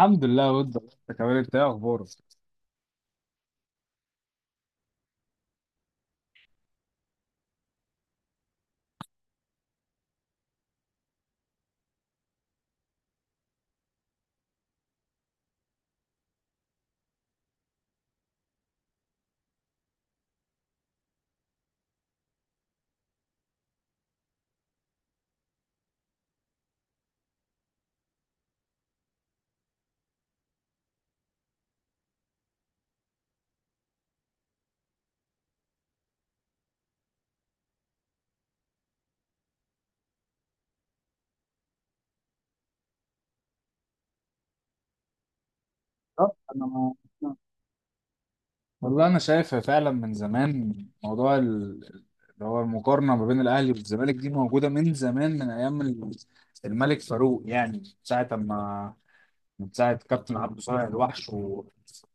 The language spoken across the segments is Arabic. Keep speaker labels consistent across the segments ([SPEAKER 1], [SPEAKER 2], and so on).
[SPEAKER 1] الحمد لله، ود الله، انت كمان، انت ايه اخبارك؟ بالظبط، انا ما- والله انا شايف فعلا من زمان موضوع اللي هو المقارنه ما بين الاهلي والزمالك دي موجوده من زمان، من ايام الملك فاروق، يعني من ساعه ما، من ساعه كابتن عبد صالح الوحش و...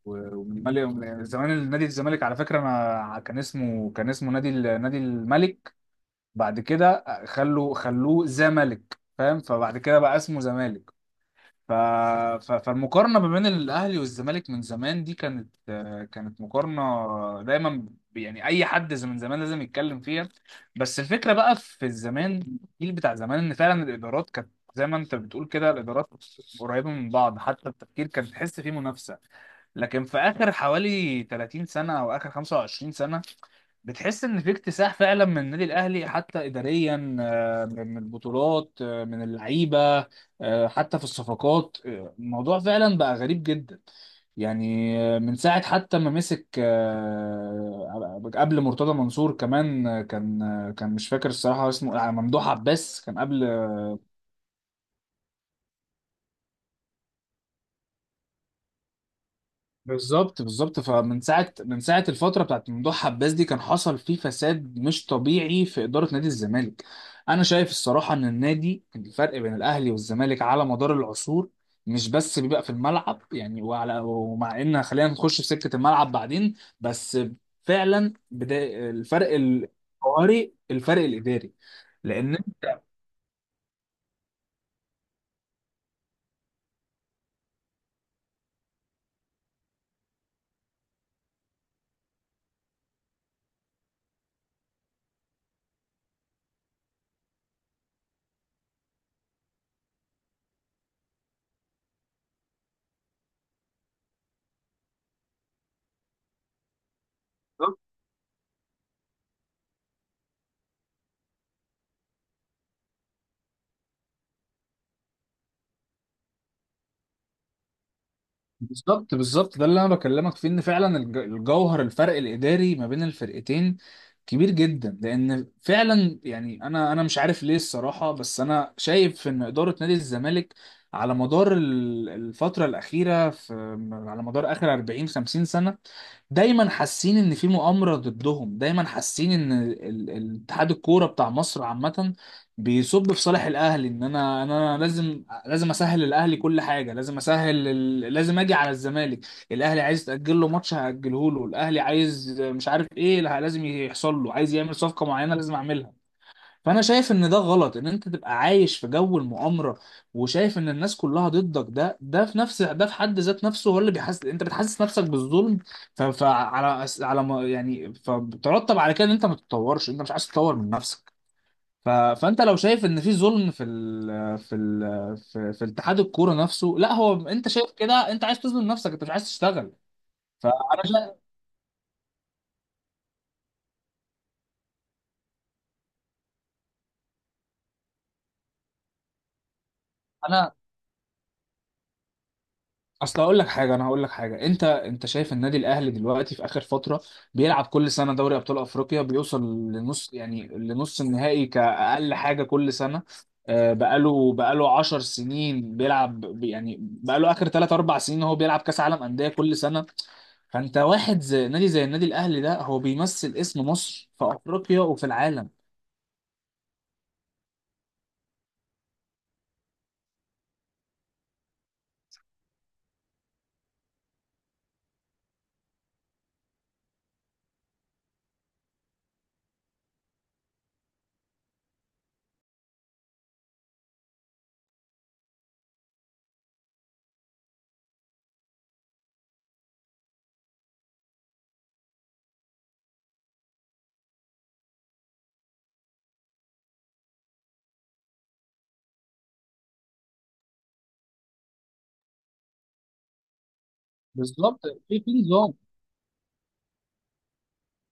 [SPEAKER 1] و- ومن ملك، ومن زمان نادي الزمالك، على فكره، انا كان اسمه نادي الملك، بعد كده خلوه زمالك، فاهم؟ فبعد كده بقى اسمه زمالك. ف... فالمقارنة ما بين الأهلي والزمالك من زمان دي كانت، كانت مقارنة دايما، يعني أي حد من زمان لازم يتكلم فيها. بس الفكرة بقى في الزمان، الجيل بتاع زمان، إن فعلا الإدارات كانت، زي ما أنت بتقول كده، الإدارات قريبة من بعض، حتى التفكير كان تحس فيه منافسة. لكن في آخر حوالي 30 سنة أو آخر 25 سنة بتحس ان في اكتساح فعلا من النادي الاهلي، حتى اداريا، من البطولات، من اللعيبه، حتى في الصفقات، الموضوع فعلا بقى غريب جدا. يعني من ساعه، حتى ما مسك، قبل مرتضى منصور كمان، كان مش فاكر الصراحه اسمه، ممدوح عباس كان قبل. بالظبط بالظبط، فمن ساعه، من ساعه، الفتره بتاعت ممدوح عباس دي كان حصل فيه فساد مش طبيعي في اداره نادي الزمالك. انا شايف الصراحه ان النادي، الفرق بين الاهلي والزمالك على مدار العصور مش بس بيبقى في الملعب، يعني، وعلى، ومع ان خلينا نخش في سكه الملعب بعدين، بس فعلا بدا الفرق الجوهري، الفرق الاداري، لان بالظبط بالظبط، ده اللي انا بكلمك فيه، ان فعلا الجوهر، الفرق الاداري ما بين الفرقتين كبير جدا، لان فعلا، يعني، انا مش عارف ليه الصراحه، بس انا شايف ان اداره نادي الزمالك على مدار الفتره الاخيره، في، على مدار اخر 40 50 سنه، دايما حاسين ان في مؤامره ضدهم، دايما حاسين ان الاتحاد الكوره بتاع مصر عامه بيصب في صالح الاهلي، ان انا، إن انا لازم، لازم اسهل الاهلي كل حاجه، لازم اجي على الزمالك. الاهلي عايز تاجل له ماتش هاجله له، الاهلي عايز مش عارف ايه، لا، لازم يحصل له، عايز يعمل صفقه معينه لازم اعملها. فانا شايف ان ده غلط، ان انت تبقى عايش في جو المؤامره، وشايف ان الناس كلها ضدك، ده، ده في نفس، ده في حد ذات نفسه هو اللي بيحس، انت بتحسس نفسك بالظلم. ف... فعلى على ما- يعني فبترتب على كده ان انت ما تتطورش، انت مش عايز تتطور من نفسك. فانت لو شايف ان في ظلم في اتحاد الكوره نفسه، لا، هو انت شايف كده، انت عايز تظلم نفسك، انت مش عايز تشتغل. فانا شا... انا، اصل هقول لك حاجه، انا هقول لك حاجه، انت، انت شايف النادي الاهلي دلوقتي في اخر فتره بيلعب كل سنه دوري ابطال افريقيا، بيوصل لنص، يعني لنص النهائي كاقل حاجه كل سنه، بقاله 10 سنين بيلعب، يعني بقاله اخر 3 4 سنين هو بيلعب كاس عالم انديه كل سنه. فانت واحد زي نادي، زي النادي الاهلي ده، هو بيمثل اسم مصر في افريقيا وفي العالم. بالظبط، في نظام،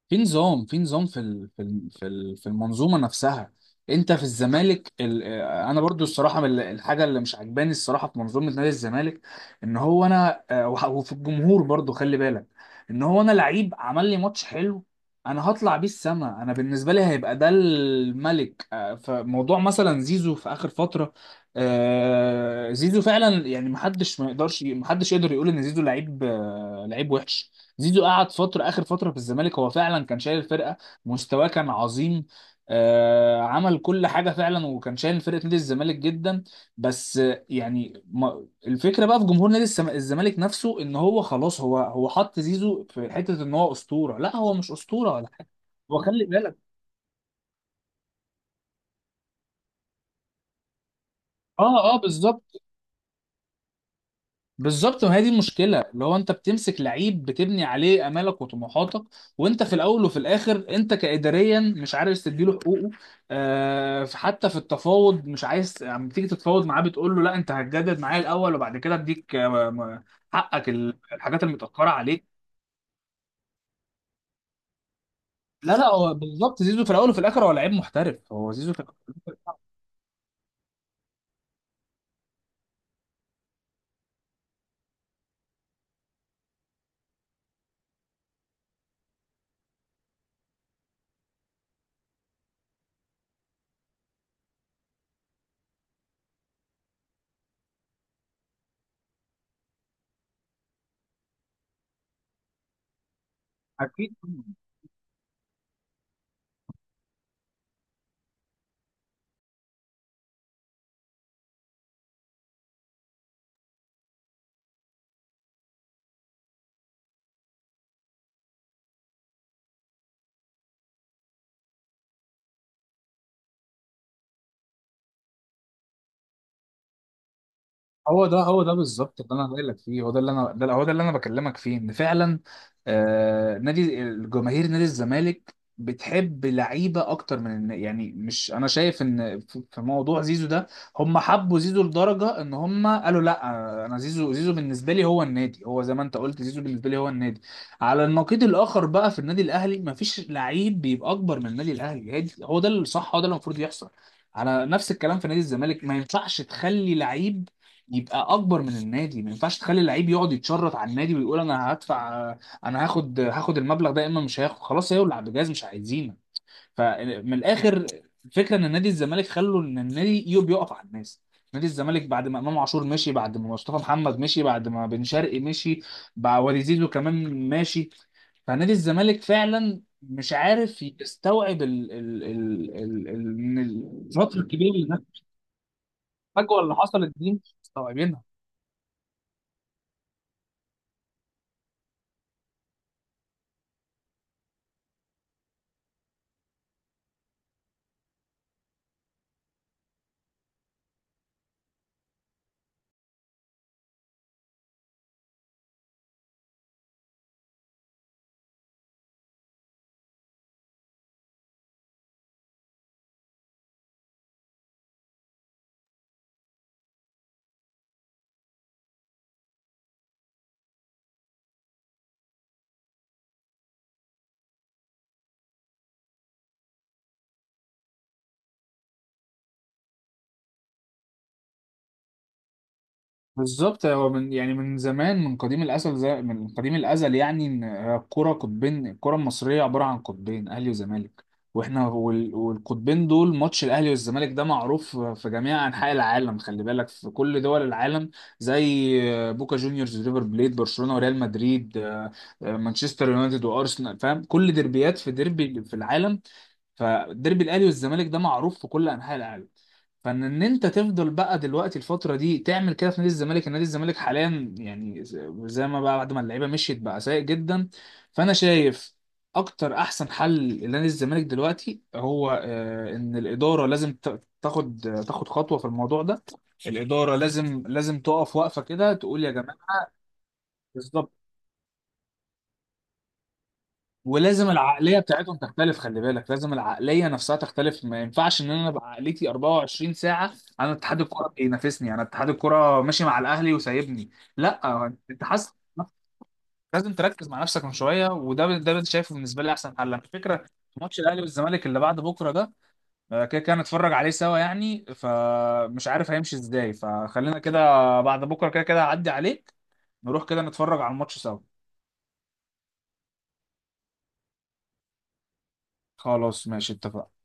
[SPEAKER 1] في المنظومه نفسها، انت في الزمالك، انا برضو الصراحه من الحاجه اللي مش عجباني الصراحه في منظومه نادي الزمالك، ان هو انا، وفي الجمهور برضو، خلي بالك، ان هو انا لعيب عمل لي ماتش حلو، انا هطلع بيه السما، انا بالنسبه لي هيبقى ده الملك. فموضوع مثلا زيزو في اخر فتره، زيزو فعلا، يعني، محدش ما يقدرش، محدش يقدر يقول ان زيزو لعيب، لعيب وحش. زيزو قعد فترة، آخر فترة في الزمالك هو فعلا كان شايل الفرقة، مستواه كان عظيم، آه عمل كل حاجة فعلا، وكان شايل فرقة نادي الزمالك جدا. بس يعني، ما الفكرة بقى في جمهور نادي الزمالك نفسه، إن هو خلاص، هو حط زيزو في حتة إن هو أسطورة. لا، هو مش أسطورة ولا حاجة. هو خلي بالك. اه اه، بالظبط بالظبط، ما هي دي المشكله، اللي هو انت بتمسك لعيب بتبني عليه امالك وطموحاتك، وانت في الاول وفي الاخر انت كاداريا مش عارف تديله حقوقه، آه حتى في التفاوض مش عايز، لما تيجي تتفاوض معاه بتقول له لا انت هتجدد معايا الاول وبعد كده اديك، حقك، الحاجات المتاخره عليك. لا لا، هو بالظبط زيزو في الاول وفي الاخر هو لعيب محترف، هو زيزو في الأول وفي الآخر، اكيد. هو ده، هو ده بالظبط اللي انا قايل لك فيه، هو ده اللي انا، ده، هو ده اللي انا بكلمك فيه ان فعلا، آه، نادي الجماهير، نادي الزمالك بتحب لعيبه اكتر يعني، مش، انا شايف ان في، في موضوع زيزو ده، هم حبوا زيزو لدرجه ان هم قالوا لا، انا، زيزو، زيزو بالنسبه لي هو النادي، هو زي ما انت قلت زيزو بالنسبه لي هو النادي. على النقيض الاخر بقى في النادي الاهلي مفيش لعيب بيبقى اكبر من النادي الاهلي، هو ده الصح، هو ده اللي المفروض يحصل، على نفس الكلام في نادي الزمالك ما ينفعش تخلي لعيب يبقى اكبر من النادي، ما ينفعش تخلي اللعيب يقعد يتشرط على النادي ويقول انا هدفع، انا هاخد المبلغ ده، يا اما مش هاخد، خلاص، يولع بجاز، مش عايزينه. فمن الاخر، الفكره ان نادي الزمالك خلوا ان النادي بيقف على الناس. نادي الزمالك بعد ما امام عاشور مشي، بعد ما مصطفى محمد مشي، بعد ما بن شرقي مشي، بعد وليد زيزو كمان ماشي. فنادي الزمالك فعلا مش عارف يستوعب إن الفتره الكبيره اللي، فجوه اللي حصلت دي مش مستوعبينها. بالظبط. هو من، يعني، من زمان، من قديم الازل، زي من قديم الازل، يعني ان الكوره قطبين، الكوره المصريه عباره عن قطبين، اهلي وزمالك، واحنا والقطبين دول، ماتش الاهلي والزمالك ده معروف في جميع انحاء العالم، خلي بالك، في كل دول العالم، زي بوكا جونيورز، ريفر بليت، برشلونه وريال مدريد، مانشستر يونايتد وارسنال، فاهم؟ كل ديربيات، في ديربي في العالم، فالديربي الاهلي والزمالك ده معروف في كل انحاء العالم. فان انت تفضل بقى دلوقتي الفتره دي تعمل كده في نادي الزمالك، النادي الزمالك حاليا، يعني، زي ما بقى بعد ما اللعيبه مشيت بقى سيء جدا. فانا شايف اكتر، احسن حل لنادي الزمالك دلوقتي هو، ان الاداره لازم تاخد خطوه في الموضوع ده. الاداره لازم، لازم تقف، واقفه كده تقول يا جماعه. بالظبط، ولازم العقليه بتاعتهم تختلف، خلي بالك، لازم العقليه نفسها تختلف، ما ينفعش ان انا ابقى عقليتي 24 ساعه انا اتحاد الكوره بينافسني، انا اتحاد الكوره ماشي مع الاهلي وسايبني. لا، انت حاسس، لازم تركز مع نفسك من شويه، وده، ده اللي شايفه بالنسبه لي احسن حل، على فكره. ماتش الاهلي والزمالك اللي بعد بكره ده، كده كده نتفرج عليه سوا، يعني، فمش عارف هيمشي ازاي، فخلينا كده، بعد بكره كده كده هعدي عليك، نروح كده نتفرج على الماتش سوا. خلاص ماشي، اتفقنا.